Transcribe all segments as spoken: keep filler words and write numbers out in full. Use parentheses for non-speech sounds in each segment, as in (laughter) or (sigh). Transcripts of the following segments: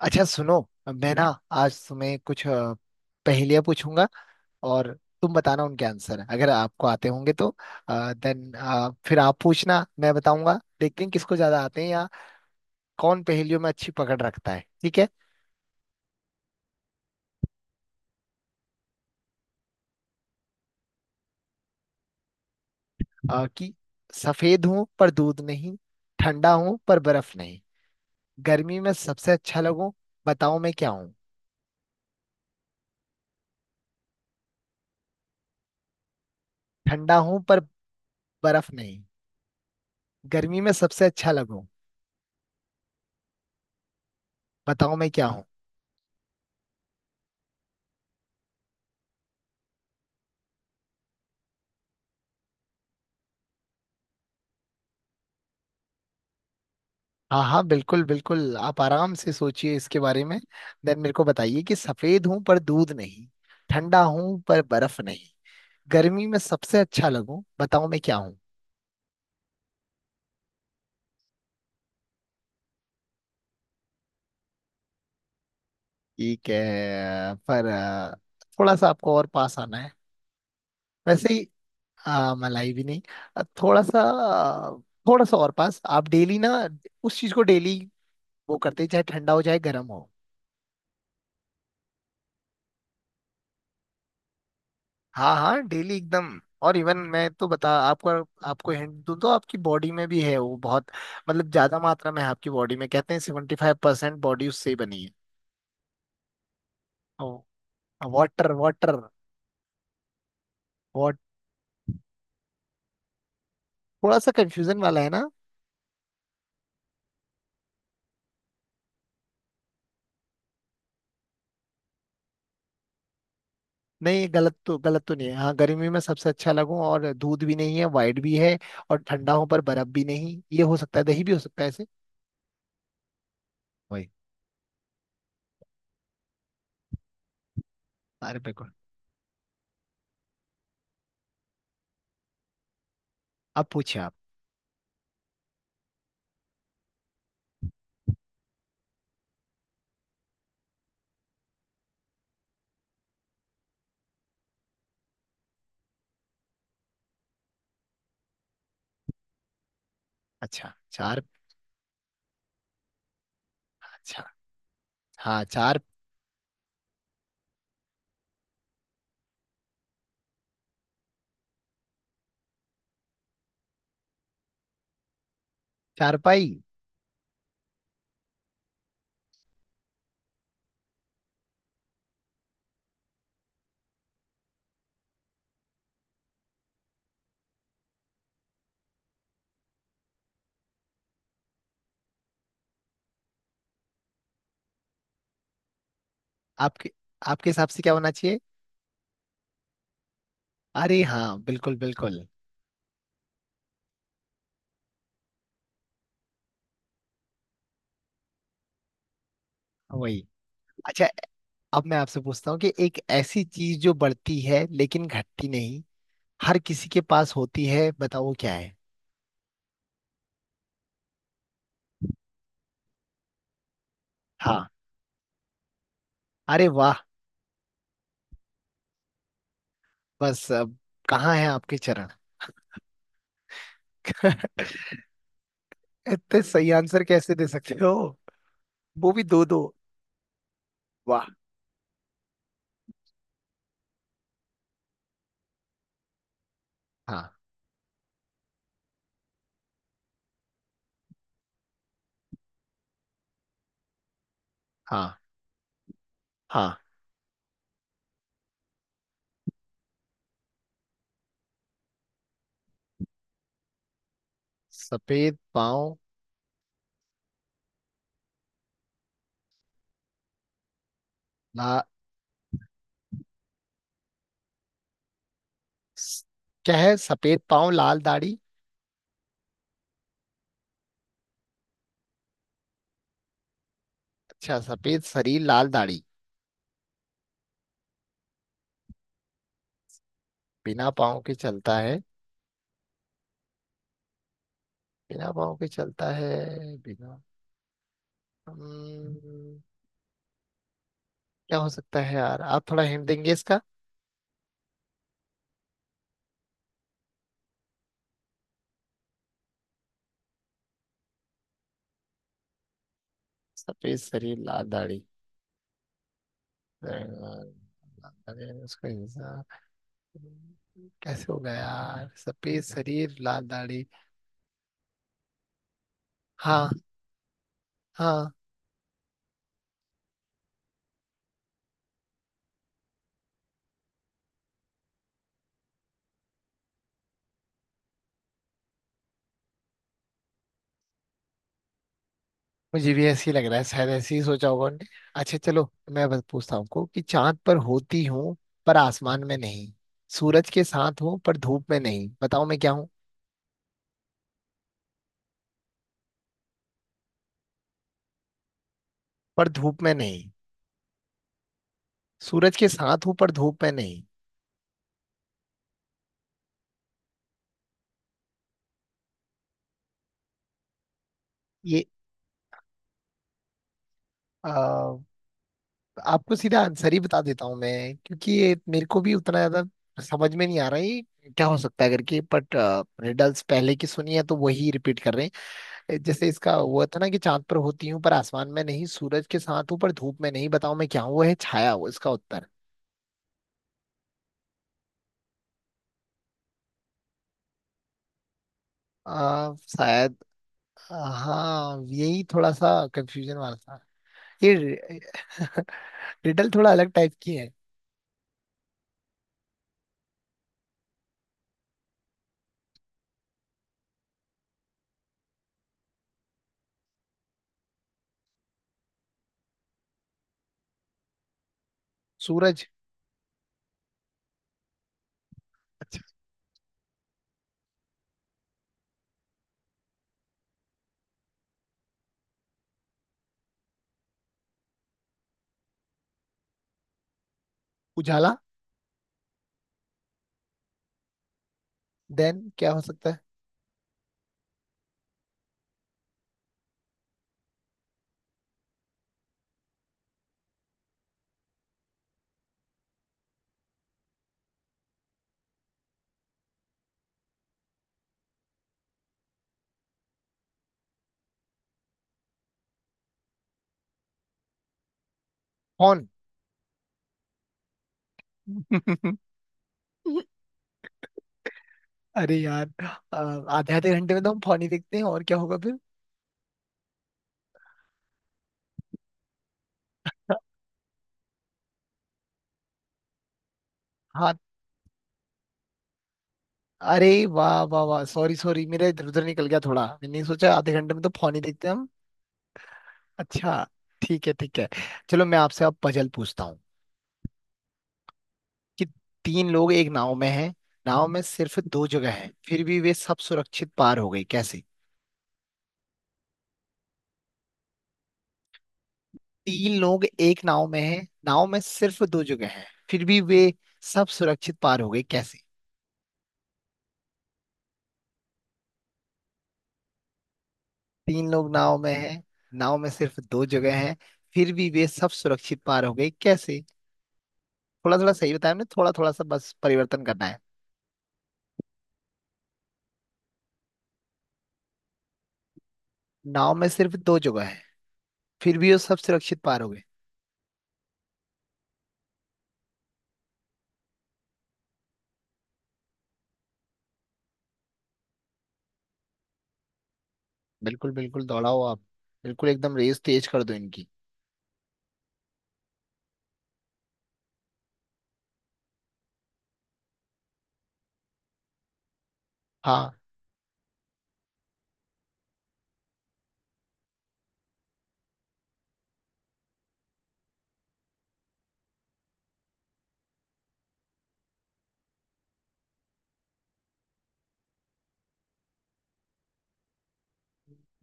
अच्छा सुनो। मैं ना आज तुम्हें कुछ अ, पहेलियां पूछूंगा और तुम बताना उनके आंसर अगर आपको आते होंगे तो। देन फिर आप पूछना, मैं बताऊंगा। देखते हैं किसको ज्यादा आते हैं या कौन पहेलियों में अच्छी पकड़ रखता है। ठीक है? अ, कि सफेद हूं पर दूध नहीं, ठंडा हूं पर बर्फ नहीं, गर्मी में सबसे अच्छा लगूं, बताओ मैं क्या हूं। ठंडा हूं पर बर्फ नहीं, गर्मी में सबसे अच्छा लगूं, बताओ मैं क्या। हाँ हाँ, बिल्कुल बिल्कुल, आप आराम से सोचिए इसके बारे में। देन मेरे को बताइए कि सफेद हूं पर दूध नहीं, ठंडा हूं पर बर्फ नहीं, गर्मी में सबसे अच्छा लगूं, बताओ मैं क्या हूं। ठीक है, पर अ, थोड़ा सा आपको और पास आना है, वैसे ही। अ, मलाई भी नहीं। अ, थोड़ा सा, अ, थोड़ा सा और पास। आप डेली ना उस चीज को डेली वो करते हैं, चाहे ठंडा हो चाहे गर्म हो। हाँ हाँ, डेली एकदम। और इवन मैं तो बता आपको, आपको हिंट दूं तो आपकी बॉडी में भी है वो बहुत, मतलब ज्यादा मात्रा में है आपकी बॉडी में। कहते हैं सेवेंटी फाइव परसेंट बॉडी उससे ही बनी है। ओ, वाटर वाटर। वाट थोड़ा सा कंफ्यूजन वाला है ना। नहीं, गलत तो गलत तो नहीं है। हाँ, गर्मी में सबसे अच्छा लगूं और दूध भी नहीं है, वाइट भी है, और ठंडा हो पर बर्फ भी नहीं। ये हो सकता है, दही भी हो सकता है ऐसे। वही, अरे बिल्कुल। अब पूछिए आप। अच्छा, चार। अच्छा। हाँ, चार। चारपाई। आपके आपके हिसाब से क्या होना चाहिए? अरे हाँ, बिल्कुल बिल्कुल। वही। अच्छा, अब मैं आपसे पूछता हूँ कि एक ऐसी चीज जो बढ़ती है लेकिन घटती नहीं, हर किसी के पास होती है, बताओ वो क्या है। हाँ। अरे वाह। बस अब, कहाँ है आपके चरण। इतने सही आंसर कैसे दे सकते हो, वो भी दो दो। वाह। हाँ हाँ हाँ, सफेद पाँव। ला स- क्या है सफेद पाँव लाल दाढ़ी? अच्छा, सफेद शरीर लाल दाढ़ी। बिना पाँव के चलता है। बिना पाँव के चलता है। बिना हम्म, क्या हो सकता है यार? आप थोड़ा हिंट देंगे इसका? सफेद शरीर लाल दाढ़ी। लाल दाढ़ी, उसका इंसान। हम्म, कैसे होगा यार सफेद शरीर लाल दाढ़ी? हाँ हाँ, मुझे भी ऐसे ही लग रहा है, शायद ऐसे ही सोचा होगा उन्होंने। अच्छा चलो, मैं बस पूछता हूँ आपको कि चांद पर होती हूँ पर आसमान में नहीं, सूरज के साथ हूँ पर धूप में नहीं, बताओ मैं क्या हूँ। पर धूप में नहीं। सूरज के साथ हूँ पर धूप में नहीं। ये आपको सीधा आंसर ही बता देता हूँ मैं, क्योंकि ये मेरे को भी उतना ज्यादा समझ में नहीं आ रहा है ये क्या हो सकता है करके, बट रिडल्स पहले की सुनी है तो वही रिपीट कर रहे हैं। जैसे इसका वो था ना कि चांद पर होती हूँ पर आसमान में नहीं, सूरज के साथ हूँ पर धूप में नहीं, बताओ मैं क्या हूँ। वो है छाया, वो इसका उत्तर। आ, शायद। आ, हाँ, यही थोड़ा सा कंफ्यूजन वाला था ये। (laughs) रिडल थोड़ा अलग टाइप की है। सूरज। उजाला। देन क्या हो सकता है? कौन? (laughs) अरे यार, अ, आधे आधे घंटे में तो हम फौनी देखते हैं, और क्या होगा फिर। हाँ। अरे वाह वाह वाह, सॉरी सॉरी, मेरा इधर उधर निकल गया थोड़ा। मैंने सोचा आधे घंटे में तो फौनी देखते हैं हम। अच्छा, ठीक है ठीक है। चलो मैं आपसे अब पजल पूछता हूँ कि तीन लोग एक नाव में हैं, नाव में सिर्फ दो जगह है, फिर भी वे सब सुरक्षित पार हो गए, कैसे? तीन लोग एक नाव में हैं, नाव में सिर्फ दो जगह है, फिर भी वे सब सुरक्षित पार हो गए, कैसे? तीन लोग नाव में हैं, नाव में सिर्फ दो जगह हैं, फिर भी वे सब सुरक्षित पार हो गए, कैसे? थोड़ा थोड़ा सही बताया हमने, थोड़ा थोड़ा सा बस परिवर्तन करना है। नाव में सिर्फ दो जगह है, फिर भी वो सब सुरक्षित पार हो गए। बिल्कुल बिल्कुल, दौड़ाओ आप। बिल्कुल एकदम रेस तेज कर दो इनकी। हाँ,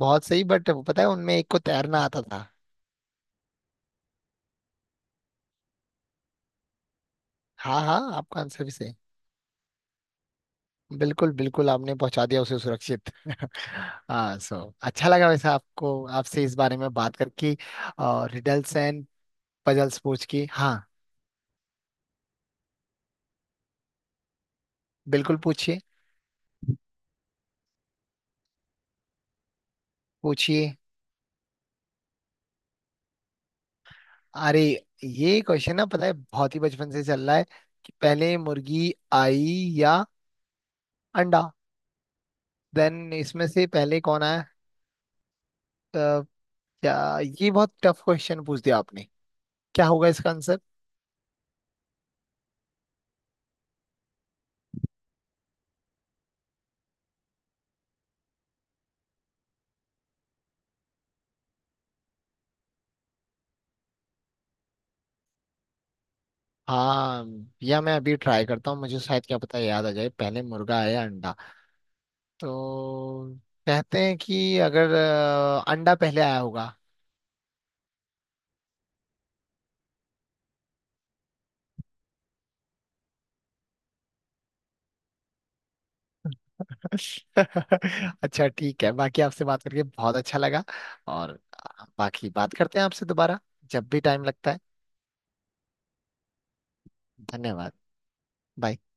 बहुत सही, बट वो पता है, उनमें एक को तैरना आता था। हाँ हाँ, आपका आंसर भी सही। बिल्कुल बिल्कुल, आपने पहुंचा दिया उसे सुरक्षित। हाँ सो, अच्छा लगा वैसे आपको, आपसे इस बारे में बात करके और रिडल्स एंड पजल्स पूछ के। हाँ, बिल्कुल पूछिए। पूछिए। अरे, ये क्वेश्चन ना पता है बहुत ही बचपन से चल रहा है कि पहले मुर्गी आई या अंडा? देन इसमें से पहले कौन आया? अ, क्या ये बहुत टफ क्वेश्चन पूछ दिया आपने? क्या होगा इसका आंसर? हाँ या, मैं अभी ट्राई करता हूँ, मुझे शायद क्या पता याद आ जाए पहले मुर्गा आया अंडा तो। कहते हैं कि अगर अ, अंडा पहले आया होगा। (laughs) अच्छा ठीक है, बाकी आपसे बात करके बहुत अच्छा लगा और बाकी बात करते हैं आपसे दोबारा जब भी टाइम लगता है। धन्यवाद। बाय।